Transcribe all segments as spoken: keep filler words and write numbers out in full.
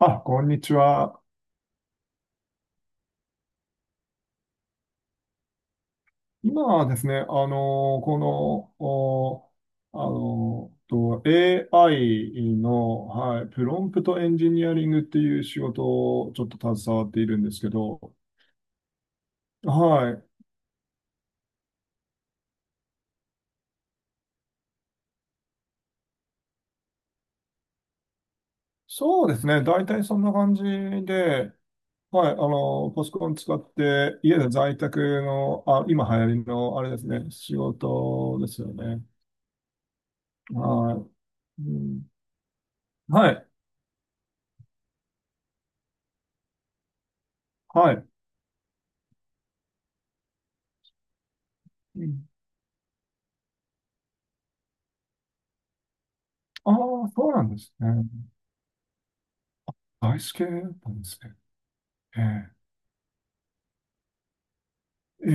あ、こんにちは。今はですね、あの、この、おあの、と エーアイ の、はい、プロンプトエンジニアリングっていう仕事をちょっと携わっているんですけど、はい。そうですね。大体そんな感じで、はい。あの、パソコン使って、家で在宅の、あ、今流行りの、あれですね、仕事ですよね。はい。うん、はい。はい。うん。ああ、そうなんですね。アイス系なんですね。ええええ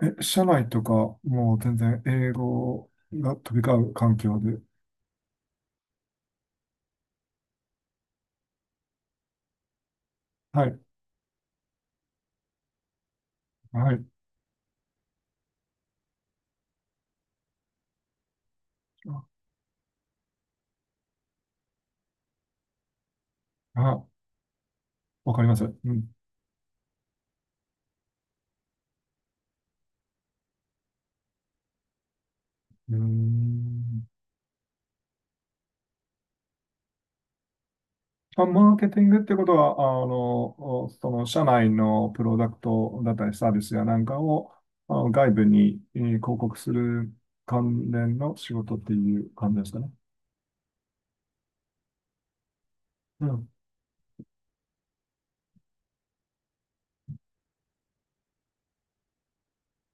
ええええ、社内とか、もう全然英語が飛び交う環境で。はい、はい。あ、わかります。うん。うーん。あ、マーケティングってことは、あの、おその社内のプロダクトだったりサービスやなんかを、あの外部に、えー広告する関連の仕事っていう感じですかね。うん。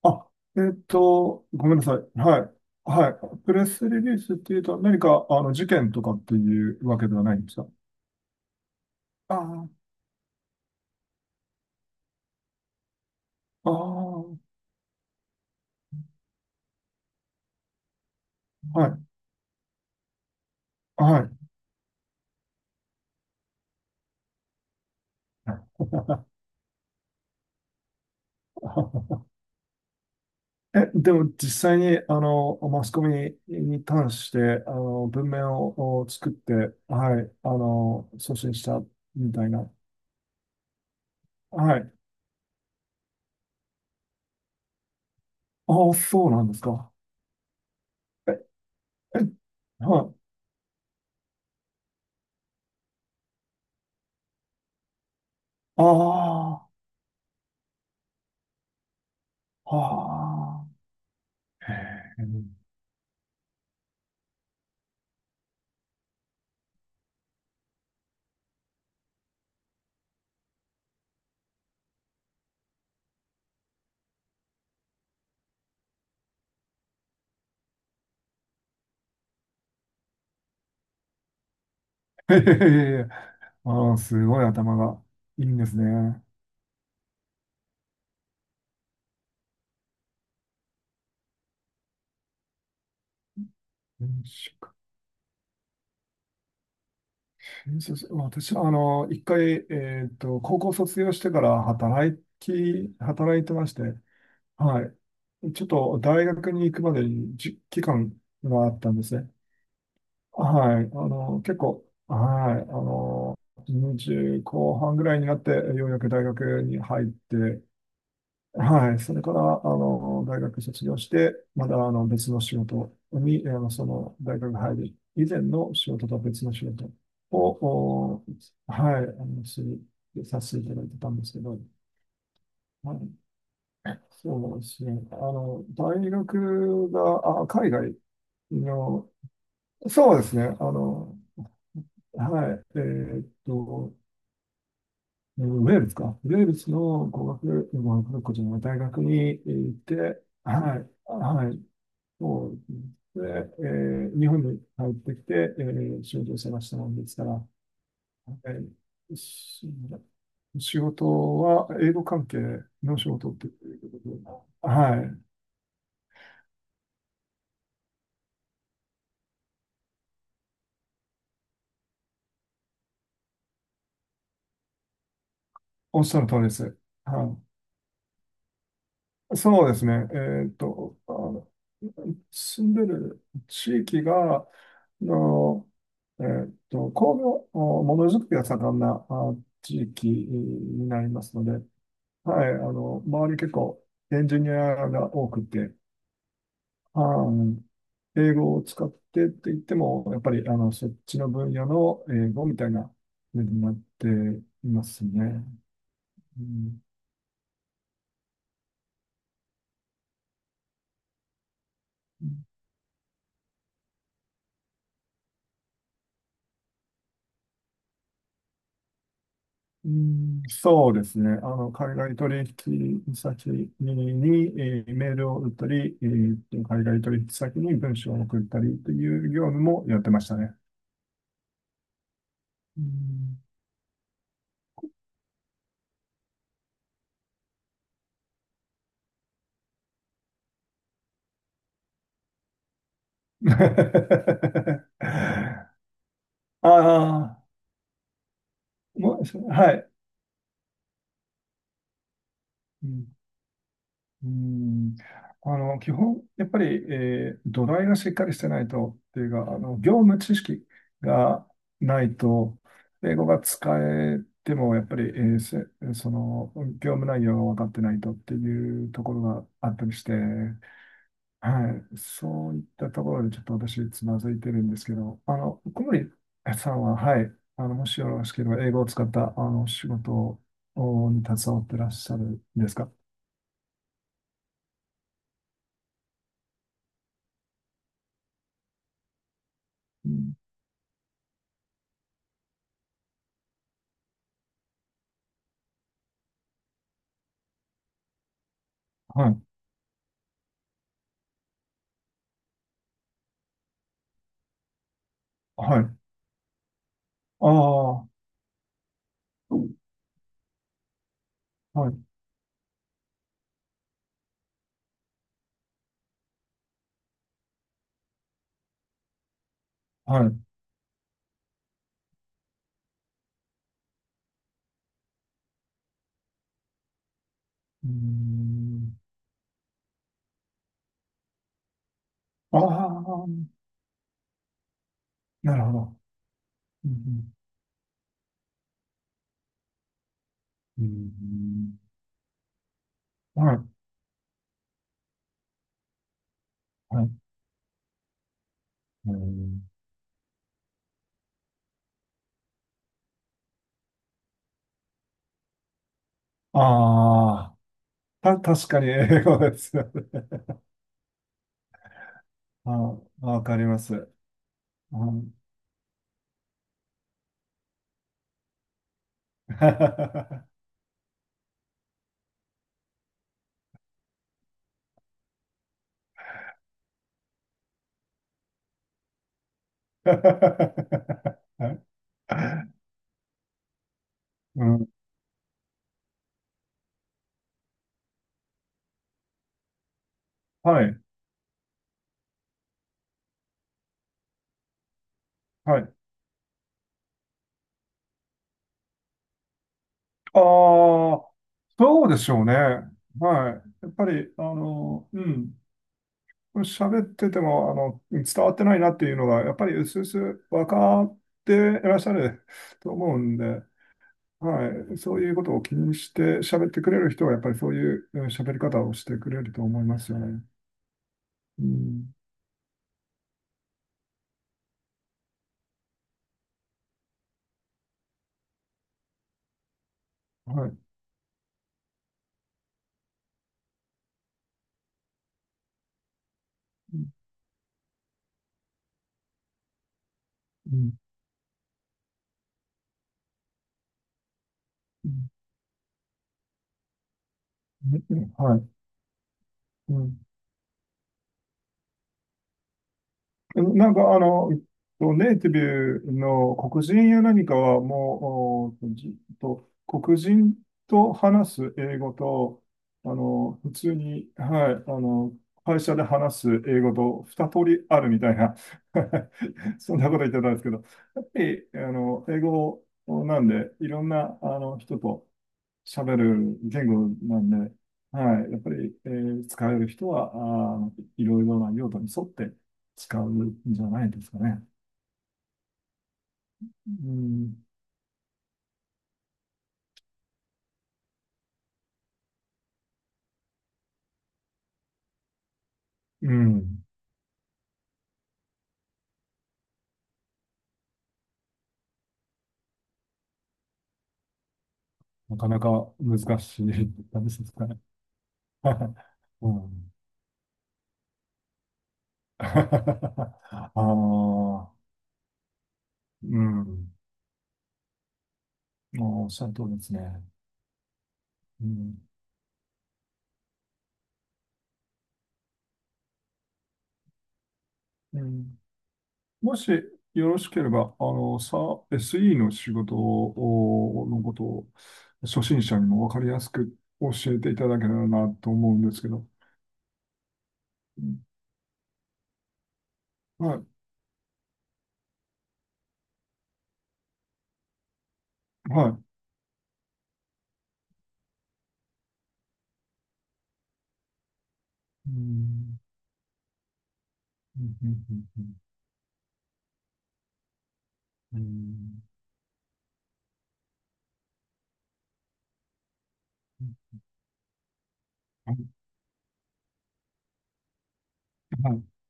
あ、えっと、ごめんなさい。はい。はい。プレスリリースっていうと、何か、あの、事件とかっていうわけではないんですか？ああ、ああ、はい。はい。え、でも実際に、あの、マスコミに関して、あの、文面をお作って、はい、あの、送信したみたいな。はい。ああ、そうなんですか。え、え、はい。ああ、ああ。へえ。 へへへへ。ああ、すごい頭がいいんですね。転職転職私は、あの、一回、えっと、高校卒業してから働き、働いてまして、はい。ちょっと大学に行くまでにじ期間があったんですね。はい。あの、結構、はい。あの、にじゅう後半ぐらいになって、ようやく大学に入って、はい。それから、あの、大学卒業して、まだ、あの、別の仕事に、あの、その、大学入る以前の仕事と別の仕事を、おはい、あの、する、させていただいてたんですけど、はい。そうですね。あの、大学が、あ、海外の、そうですね。あの、はい。えーっと、ウェールズか。ウェールズの語学、語学学校じゃない、大学に行って、はい。はい。そうですね。えー日本に帰ってきて、えー仕事を探したもんですから、えーし仕事は英語関係の仕事っていうことで、はい、おっしゃる通りです。はい、そうですね。えーっと、あの住んでる地域が、あの、えーっと、工業、おものづくりが盛んなあ地域になりますので、はい、あの、周り結構エンジニアが多くて、あ英語を使ってって言っても、やっぱりあのそっちの分野の英語みたいな風になっていますね。うん、うん。そうですね。あの、海外取引先に、にえーメールを打ったり、えーと海外取引先に文章を送ったりという業務もやってましたね。うん。 ああ、もう、はい。うん、うん。あの基本、やっぱり、えー土台がしっかりしてないと、っていうか、あの業務知識がないと、英語が使えても、やっぱり、えーせその業務内容が分かってないとっていうところがあったりして、はい、そういったところでちょっと私、つまずいてるんですけど、あの小森さんは、はい、あのもしよろしければ、英語を使ったあの仕事をに携わってらっしゃるんですか？うん。はい、はい。ああ、はい、はい。うーん。ああ、なるほど。うん、うん、うん。はい、はい。うん。ああ、た、確かに英語ですよね。あー、わかります。うん。 はい。うん、はい、はい。ああ、そうでしょうね。はい。やっぱり、あの、うん。喋ってても、あの、伝わってないなっていうのが、やっぱり薄々分かっていらっしゃる と思うんで、はい、そういうことを気にして喋ってくれる人は、やっぱりそういううん喋り方をしてくれると思いますよね。うん、はい。うん、うん、うん。はい。うん。なんか、あの、えっとネイティブの黒人や何かは、もう、おじと、黒人と話す英語と、あの、普通に、はい、あの、会社で話す英語と二通りあるみたいな、そんなこと言ってたんですけど、やっぱり、あの、英語なんで、いろんな、あの、人と、喋る言語なんで、はい、やっぱり、えー使える人は、あー、いろいろな用途に沿って使うんじゃないですかね。うん、うん。なかなか難しい感じですかね。うん。ああ、うん。もうおっしゃる通りですね。うん、うん。もしよろしければ、あの、さ、エスイー の仕事を、のことを、初心者にもわかりやすく教えていただけたらなと思うんですけど。うん。はい、はい。うん、うん、うん、うん、うん。うん。はい、は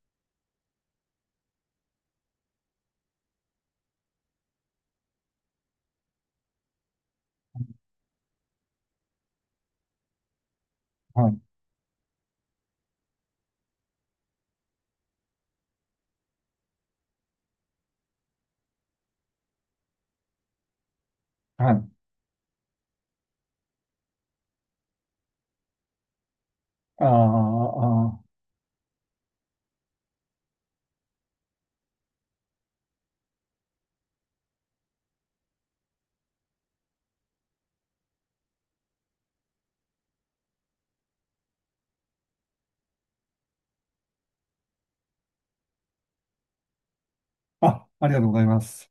い、はい。はい。あーあー、あ、ありがとうございます。